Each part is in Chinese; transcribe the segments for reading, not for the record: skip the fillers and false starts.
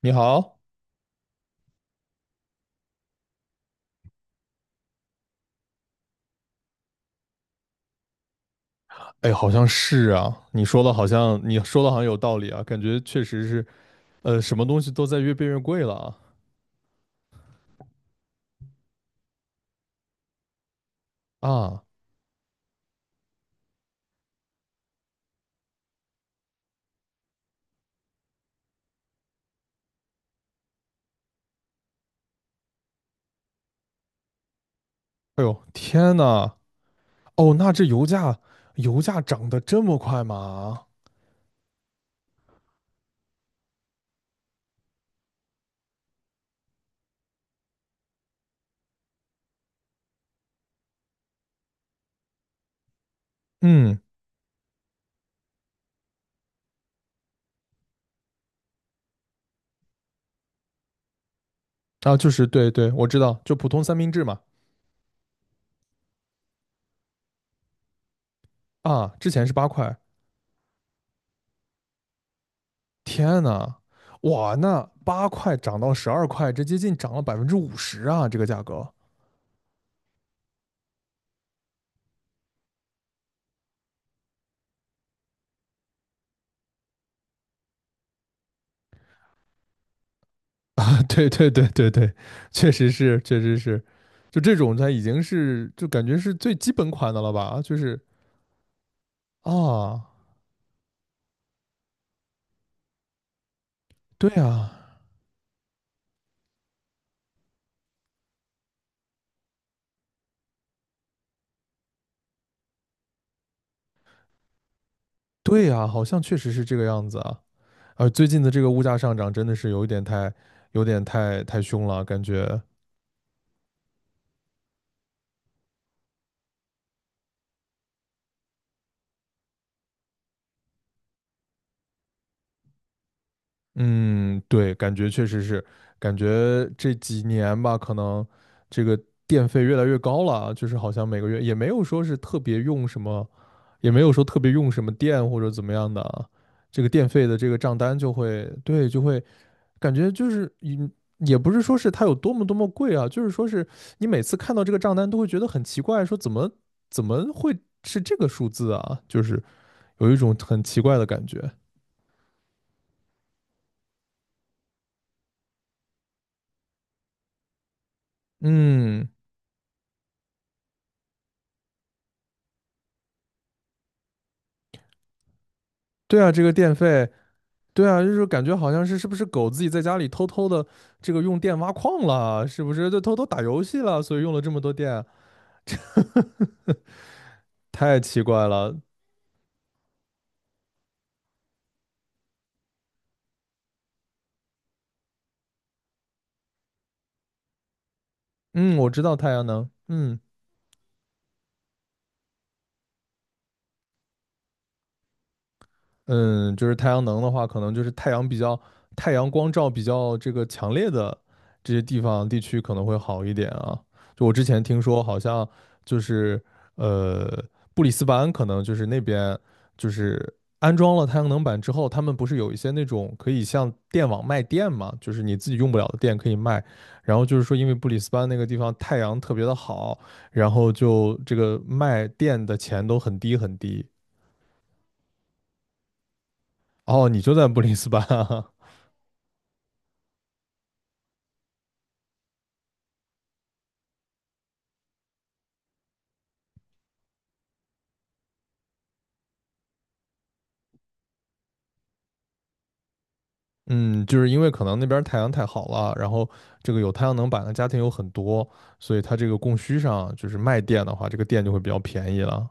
你好。哎，好像是啊，你说的好像有道理啊，感觉确实是，什么东西都在越变越贵了。啊啊！哎呦，天呐。哦，那这油价涨得这么快吗？嗯。啊，就是对对，我知道，就普通三明治嘛。啊，之前是八块。天呐。哇，那八块涨到十二块，这接近涨了百分之五十啊，这个价格。啊，对对对对对，确实是，确实是。就这种它已经是，就感觉是最基本款的了吧？就是啊，对啊。对啊，好像确实是这个样子啊。啊，最近的这个物价上涨真的是有一点太，有点太凶了，感觉。嗯，对，感觉确实是。感觉这几年吧，可能这个电费越来越高了啊，就是好像每个月也没有说是特别用什么，也没有说特别用什么电或者怎么样的啊，这个电费的这个账单就会，对，就会感觉就是，嗯，也不是说是它有多么多么贵啊，就是说是你每次看到这个账单都会觉得很奇怪，说怎么会是这个数字啊，就是有一种很奇怪的感觉。嗯。对啊，这个电费。对啊，就是感觉好像是是不是狗自己在家里偷偷的这个用电挖矿了，是不是就偷偷打游戏了，所以用了这么多电。太奇怪了。嗯，我知道太阳能。嗯嗯，就是太阳能的话，可能就是太阳光照比较这个强烈的这些地方地区可能会好一点啊。就我之前听说，好像就是呃布里斯班可能就是那边就是安装了太阳能板之后，他们不是有一些那种可以像电网卖电嘛，就是你自己用不了的电可以卖。然后就是说，因为布里斯班那个地方太阳特别的好，然后就这个卖电的钱都很低很低。哦，你就在布里斯班啊。嗯，就是因为可能那边太阳太好了，然后这个有太阳能板的家庭有很多，所以它这个供需上就是卖电的话，这个电就会比较便宜了。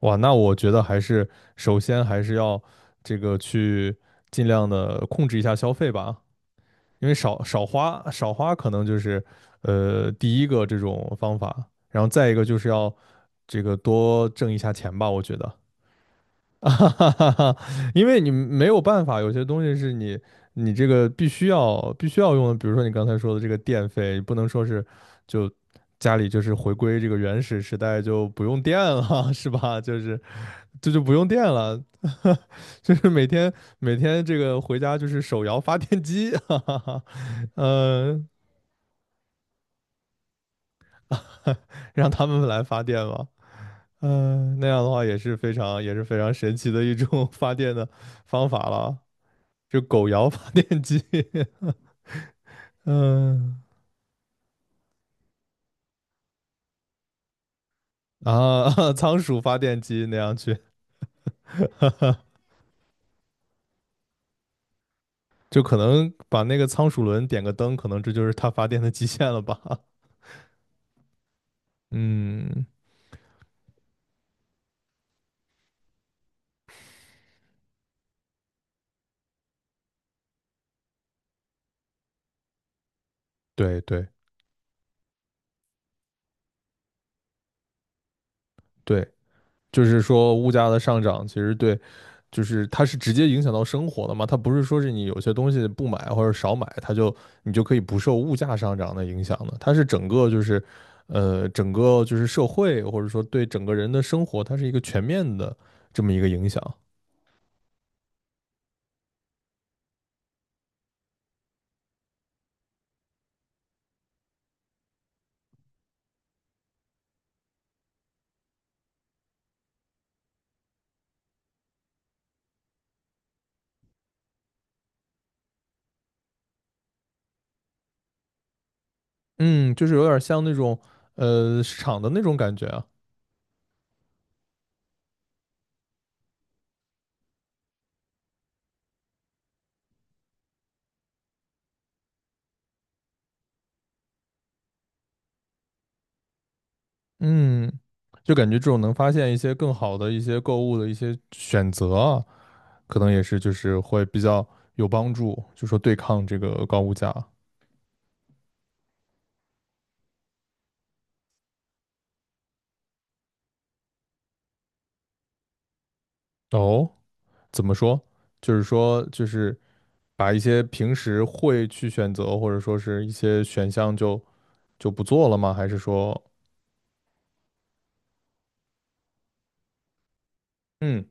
哇，那我觉得还是首先还是要这个去尽量的控制一下消费吧，因为少花可能就是第一个这种方法，然后再一个就是要这个多挣一下钱吧，我觉得。啊哈哈哈哈，因为你没有办法，有些东西是你这个必须要用的，比如说你刚才说的这个电费，不能说是就家里就是回归这个原始时代就不用电了，是吧？就是这就不用电了。就是每天这个回家就是手摇发电机，哈哈哈。呃，让他们来发电吧。嗯、那样的话也是非常神奇的一种 发电的方法了。就狗摇发电机。嗯啊，仓鼠发电机那样去，就可能把那个仓鼠轮点个灯，可能这就是它发电的极限了吧？嗯，对对对。就是说物价的上涨，其实对，就是它是直接影响到生活的嘛，它不是说是你有些东西不买或者少买，它就你就可以不受物价上涨的影响的，它是整个就是，整个就是社会或者说对整个人的生活，它是一个全面的这么一个影响。嗯，就是有点像那种市场的那种感觉啊。嗯，就感觉这种能发现一些更好的一些购物的一些选择啊，可能也是就是会比较有帮助，就说对抗这个高物价。哦，怎么说？就是说把一些平时会去选择或者说是一些选项就就不做了吗？还是说嗯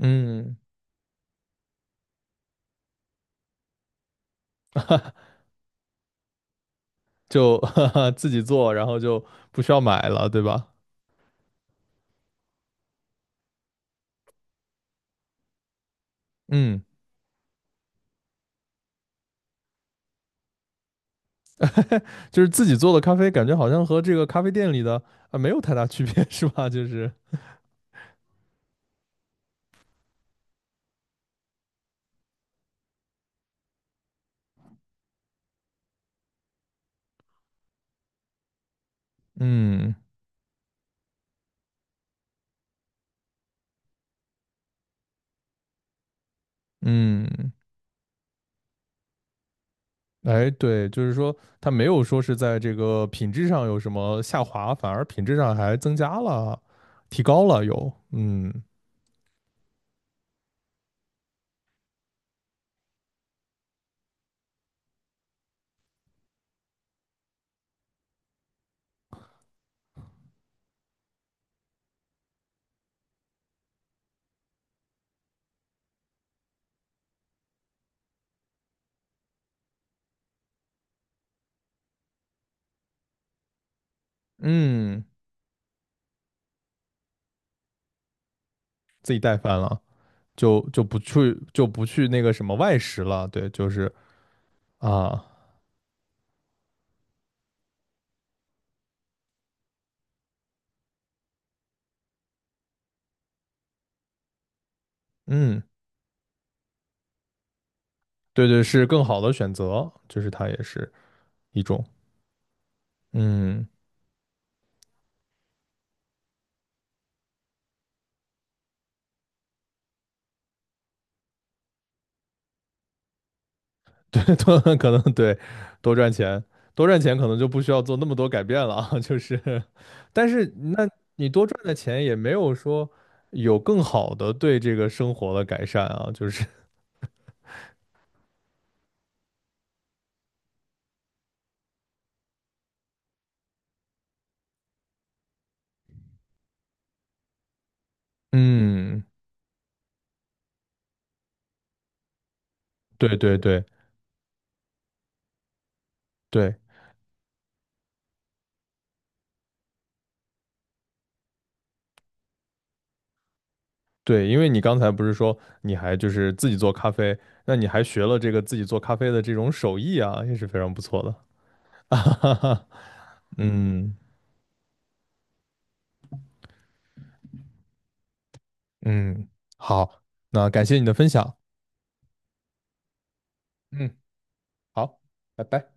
嗯就 哈哈自己做，然后就不需要买了，对吧？嗯。就是自己做的咖啡，感觉好像和这个咖啡店里的啊没有太大区别，是吧？就是嗯嗯，哎，对，就是说它没有说是在这个品质上有什么下滑，反而品质上还增加了，提高了有，嗯嗯，自己带饭了，就不去那个什么外食了，对，就是啊，嗯，对对，是更好的选择，就是它也是一种。嗯。对，多 可能对，多赚钱。多赚钱可能就不需要做那么多改变了啊，就是。但是那你多赚的钱也没有说有更好的对这个生活的改善啊，就是 嗯，对对对对对，因为你刚才不是说你还就是自己做咖啡，那你还学了这个自己做咖啡的这种手艺啊，也是非常不错的。啊哈哈，嗯嗯，好，那感谢你的分享。嗯，好，拜拜。